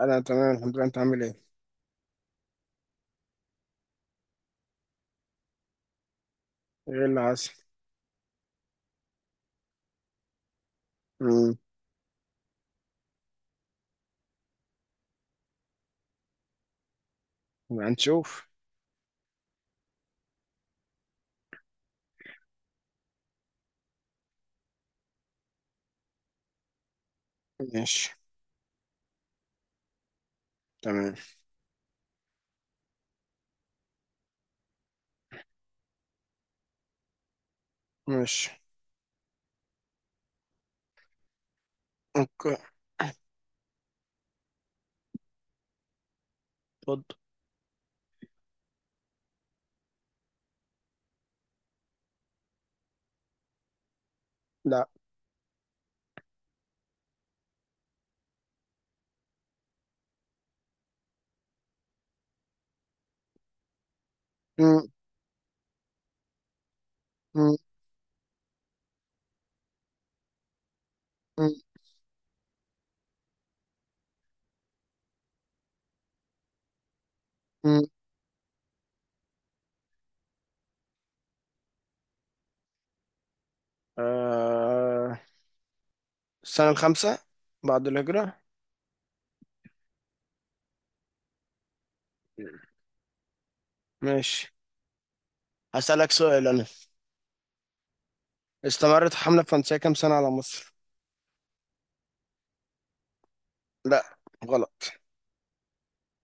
انا تمام، الحمد لله. انت عامل ايه؟ ايه اللي حصل؟ امم. يبقى هنشوف. ماشي. تمام. ماشي. اوكي. اتفضل. لا. مم. مم. مم. مم. آه... السنة الخامسة بعد الهجرة. ماشي. هسألك سؤال انا. استمرت الحملة الفرنسية كام سنة على مصر؟ لا، غلط.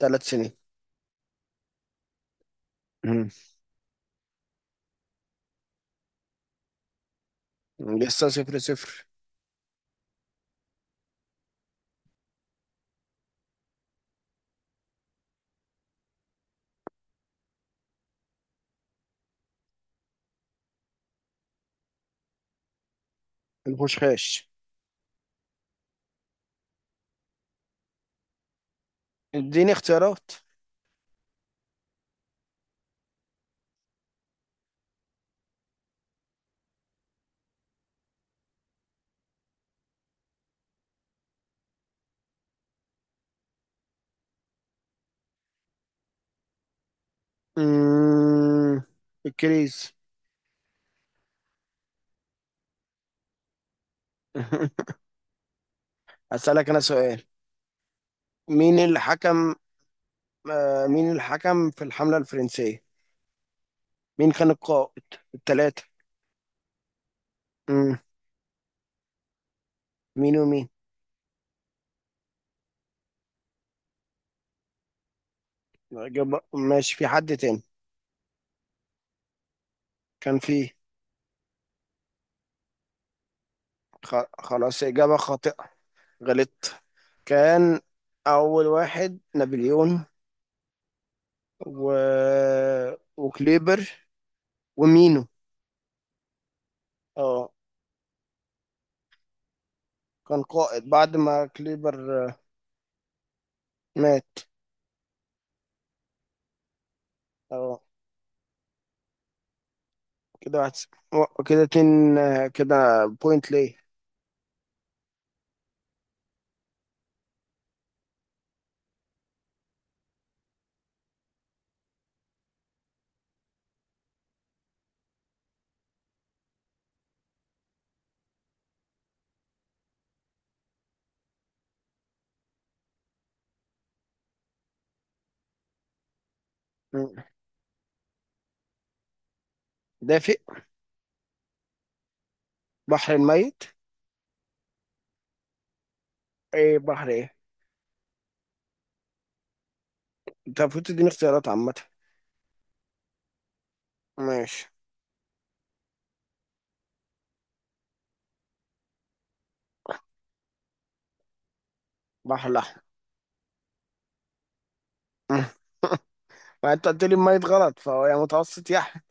3 سنين. مم. لسه صفر صفر. الخشخاش. اديني اختيارات. مم. الكريز. هسألك أنا سؤال. مين اللي حكم مين اللي حكم في الحملة الفرنسية؟ مين كان القائد؟ التلاتة. مم. مين ومين؟ إجابة، ماشي، في حد تاني؟ كان في. خلاص، إجابة خاطئة. غلطت. كان أول واحد نابليون، و... وكليبر، ومينو. اه. كان قائد بعد ما كليبر مات. اه، كده 1-0. كده اتنين، كده بوينت ليه؟ مم. دافئ. بحر الميت. ايه، بحر ايه؟ انت المفروض تديني اختيارات عامة. ماشي. بحر الأحمر. ما انت قلت لي الميت غلط فهو يا متوسط يا أحمر.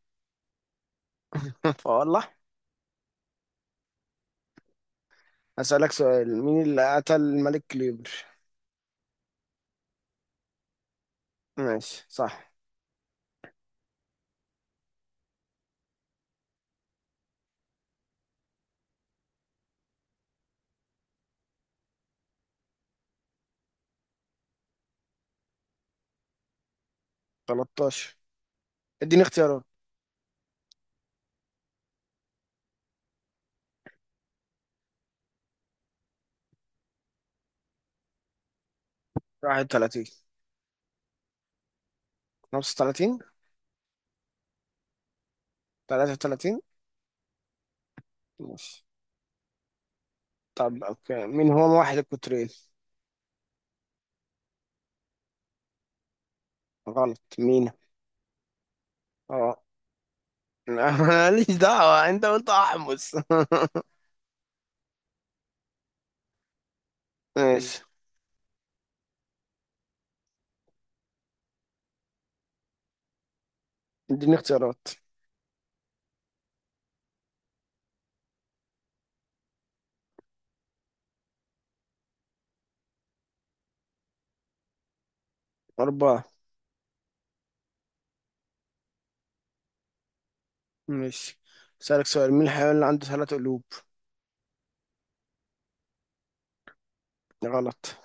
فوالله. هسألك سؤال، مين اللي قتل الملك كليبر؟ ماشي، صح. 13. اديني اختيارات. 31. 35. 33. ماشي. طب، اوكي، مين هو موحد القطرين؟ غلط، مين؟ اه. ماليش دعوة، انت قلت احمس. ماشي. اديني اختيارات. أربعة. ماشي. أسألك سؤال، مين الحيوان اللي عنده ثلاث قلوب؟ غلط.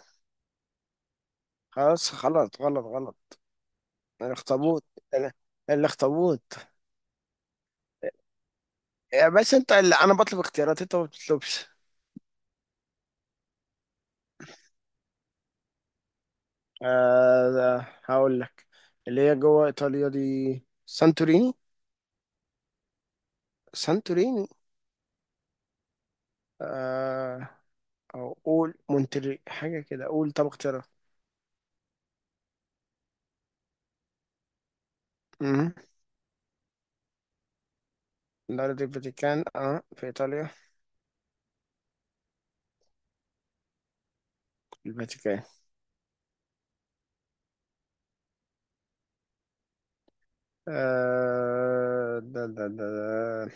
خلاص، غلط غلط غلط. الاخطبوط. ال- الاخطبوط. يا بس انت، اللي انا بطلب اختيارات، انت ما بتطلبش. ده، هقول لك اللي هي جوه ايطاليا دي، سانتوريني. سانتوريني. آه او قول مونتري، حاجه كده، قول، طب اختيارات. امم دولة الفاتيكان، اه، في ايطاليا. الفاتيكان. آه ده ده ده ده.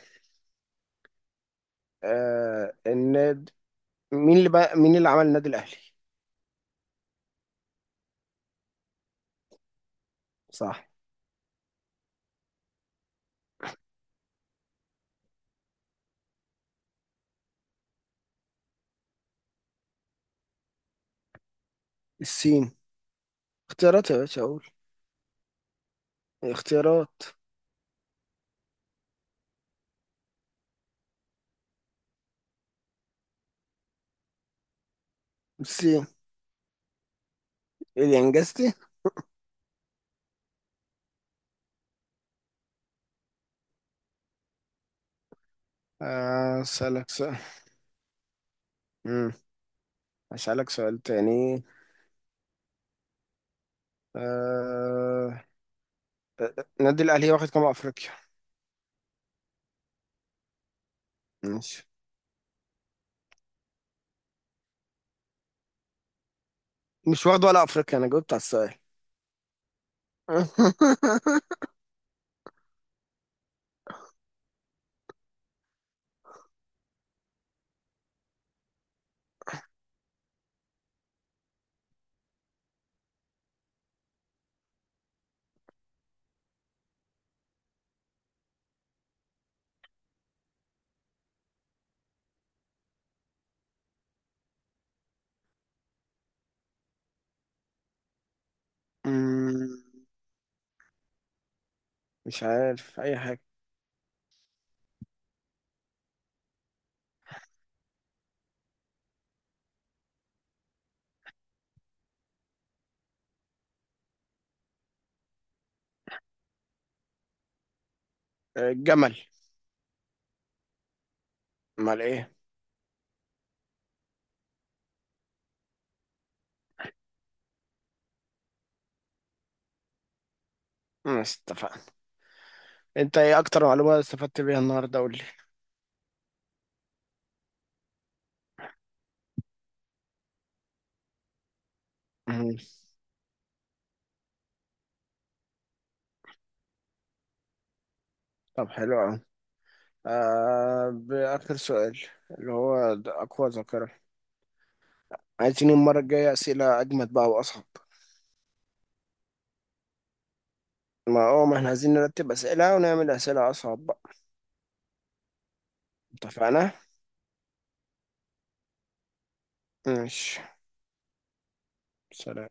آه الناد مين اللي عمل النادي الاهلي؟ صح. الصين. اختيارات يا باشا، اقول. اختيارات. بصي. اللي انجزتي. اسالك سؤال. امم اسالك سؤال تاني. أه... النادي الاهلي واخد كام افريقيا؟ ماشي. مش واخد ولا افريقيا، انا جاوبت على السؤال. أمم، مش عارف اي حاجه. الجمل. امال ايه؟ ماشي، اتفقنا. انت ايه اكتر معلومه استفدت بيها النهارده؟ قول لي. أمم، طب، حلو قوي. باخر سؤال اللي هو اقوى ذاكره. عايزين المرة الجاية أسئلة أجمد بقى وأصعب. ما احنا عايزين نرتب أسئلة ونعمل أسئلة أصعب بقى. اتفقنا؟ ماشي. سلام.